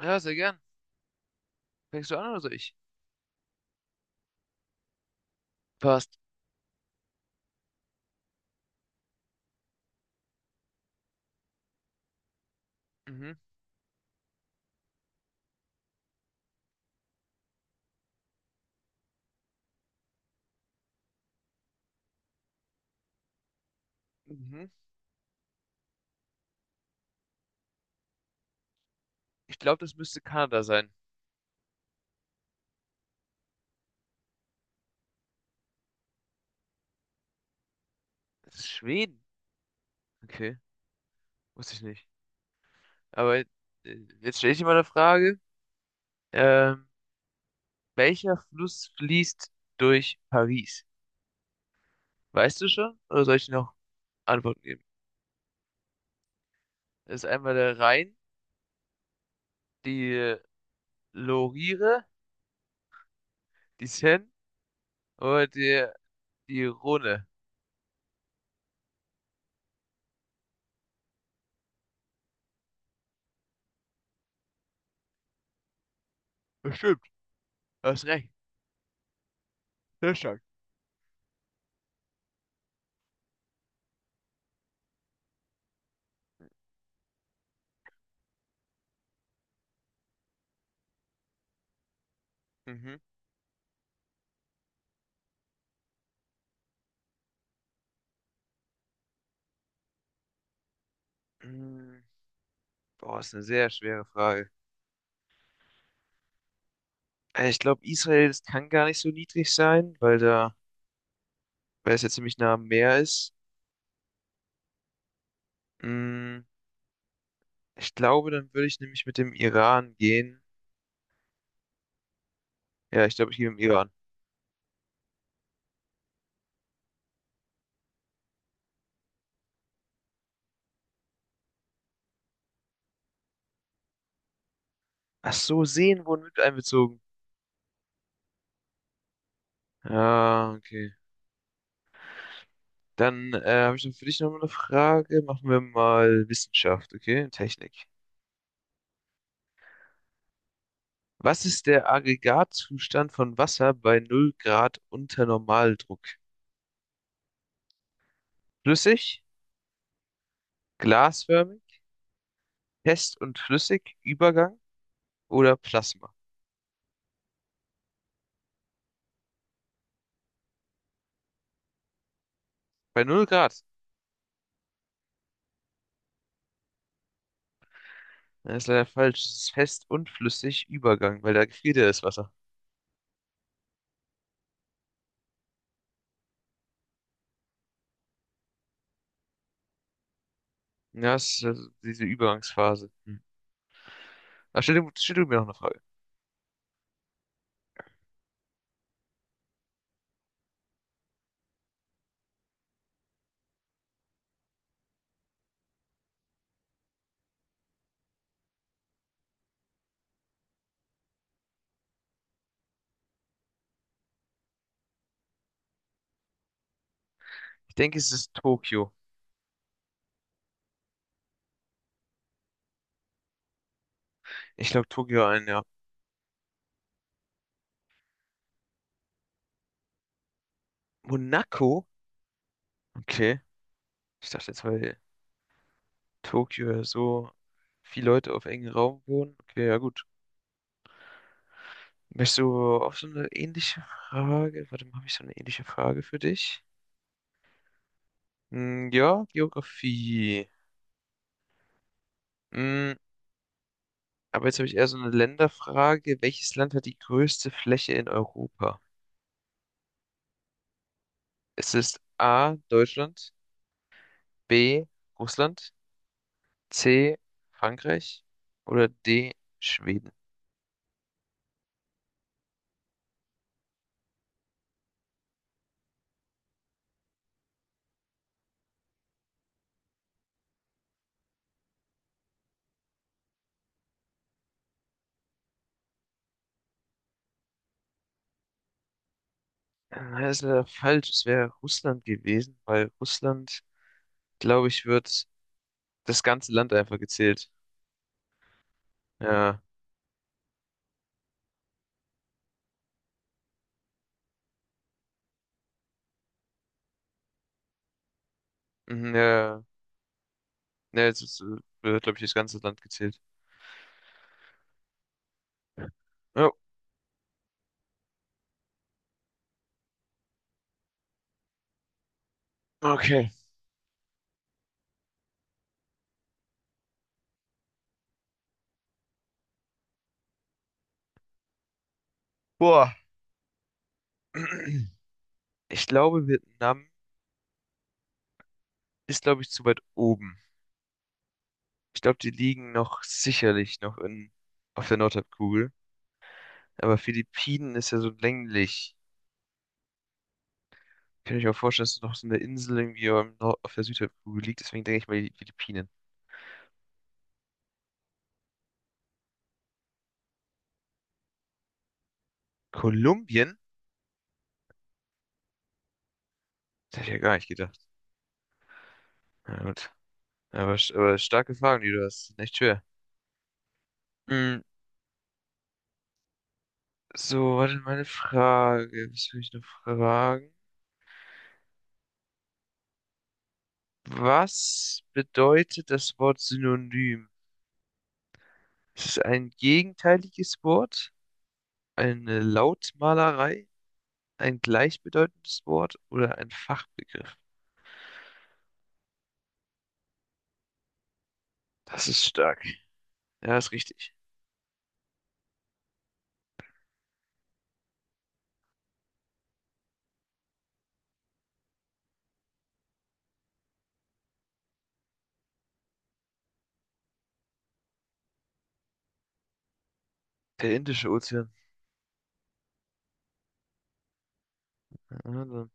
Ja, sehr gern. Fängst du an oder soll ich? Passt. Mhm. Mhm. Ich glaube, das müsste Kanada sein. Das ist Schweden. Okay, wusste ich nicht. Aber jetzt stelle ich dir mal eine Frage. Ähm, welcher Fluss fließt durch Paris? Weißt du schon? Oder soll ich dir noch Antworten geben? Das ist einmal der Rhein, die Lorire, die Seine oder die Rhone. Bestimmt, hast recht. Sehr stark. Mhm. Mm, boah, ist eine sehr schwere Frage. Ich glaube, Israel, das kann gar nicht so niedrig sein, weil es ja ziemlich nah am Meer ist. Mm, ich glaube, dann würde ich nämlich mit dem Iran gehen. Ja, ich glaube, ich gehe mit dem Iran. Ach so, Seen wurden mit einbezogen. Ah, okay. Dann habe ich noch für dich noch mal eine Frage. Machen wir mal Wissenschaft, okay? Technik. Was ist der Aggregatzustand von Wasser bei null Grad unter Normaldruck? Flüssig, glasförmig, fest und flüssig, Übergang oder Plasma? Bei null Grad. Ja, ist leider falsch. Es ist fest und flüssig Übergang, weil da gefriert ja das Wasser. Ja, es ist also diese Übergangsphase. Hm. Ah, stell du mir noch eine Frage. Ich denke, es ist Tokio. Ich glaube, Tokio ein, ja. Monaco? Okay. Ich dachte jetzt, weil Tokio ja so viele Leute auf engem Raum wohnen. Okay, ja gut. Möchtest du auch so eine ähnliche Frage? Warte mal, habe ich so eine ähnliche Frage für dich? Hm, ja, Geografie. Hm, aber jetzt habe ich eher so eine Länderfrage. Welches Land hat die größte Fläche in Europa? Es ist A, Deutschland, B, Russland, C, Frankreich oder D, Schweden. Das ist leider falsch. Es wäre Russland gewesen, weil Russland, glaube ich, wird das ganze Land einfach gezählt. Ja, mhm, ja, ja, wird, glaube ich, das ganze Land gezählt. Ja, okay. Boah. Ich glaube, Vietnam ist, glaube ich, zu weit oben. Ich glaube, die liegen noch sicherlich noch in, auf der Nordhalbkugel. Aber Philippinen ist ja so länglich. Kann ich mir auch vorstellen, dass es noch so eine Insel irgendwie am auf der Südhalbkugel liegt. Deswegen denke ich mal die Philippinen. Kolumbien? Das hätte ich ja gar nicht gedacht. Na gut. Aber starke Fragen, die du hast. Sind echt schwer. Hm, so, warte, meine Frage. Was will ich noch fragen? Was bedeutet das Wort Synonym? Ist es ein gegenteiliges Wort, eine Lautmalerei, ein gleichbedeutendes Wort oder ein Fachbegriff? Das ist stark. Ja, ist richtig. Der Indische Ozean. Ja, dann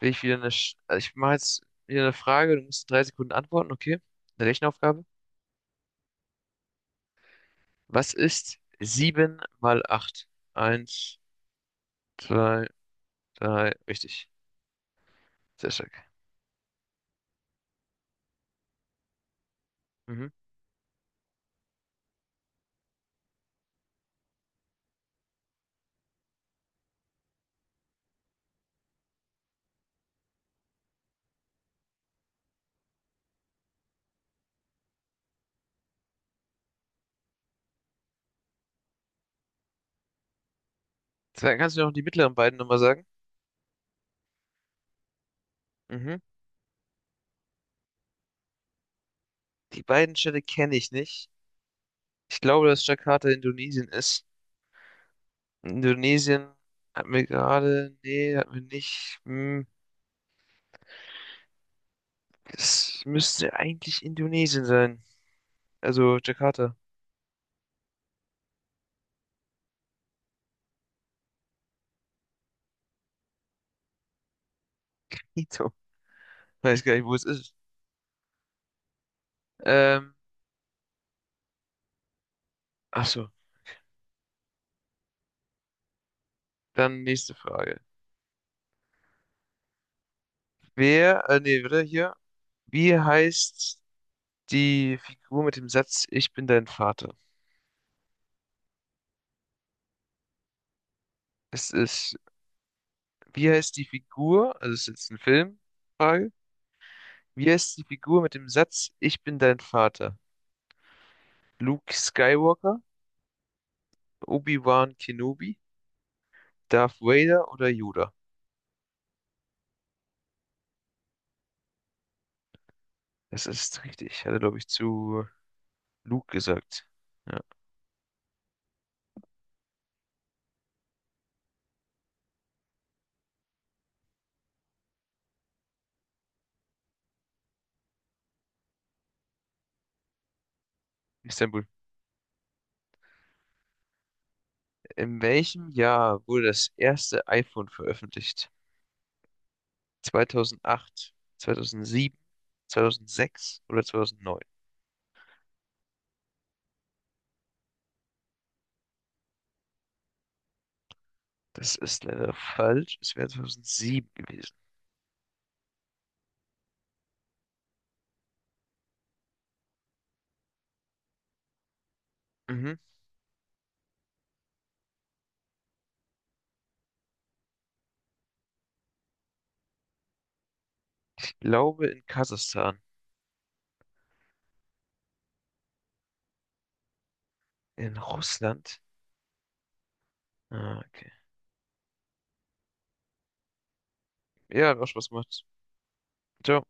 will ich wieder eine. Sch Also ich mache jetzt wieder eine Frage. Du musst in drei Sekunden antworten, okay? Eine Rechenaufgabe. Was ist 7 mal 8? Eins, zwei, drei. Richtig. Sehr stark. Mhm. Dann kannst du mir noch die mittleren beiden nochmal sagen. Mhm. Die beiden Städte kenne ich nicht. Ich glaube, dass Jakarta Indonesien ist. Indonesien hat mir gerade. Nee, hat mir nicht. Hm. Es müsste eigentlich Indonesien sein. Also Jakarta. Weiß gar nicht, wo es ist. Ähm, ach so, dann nächste Frage. Warte, hier. Wie heißt die Figur mit dem Satz "Ich bin dein Vater"? Es ist, wie heißt die Figur, also es ist jetzt eine Filmfrage, wie heißt die Figur mit dem Satz "Ich bin dein Vater"? Luke Skywalker, Obi-Wan Kenobi, Darth Vader oder Yoda? Das ist richtig, hat er, glaube ich, zu Luke gesagt. Ja, Istanbul. In welchem Jahr wurde das erste iPhone veröffentlicht? 2008, 2007, 2006 oder 2009? Das ist leider falsch. Es wäre 2007 gewesen. Mhm. Ich glaube in Kasachstan. In Russland? Ah, okay. Ja, hat auch Spaß gemacht. Ciao.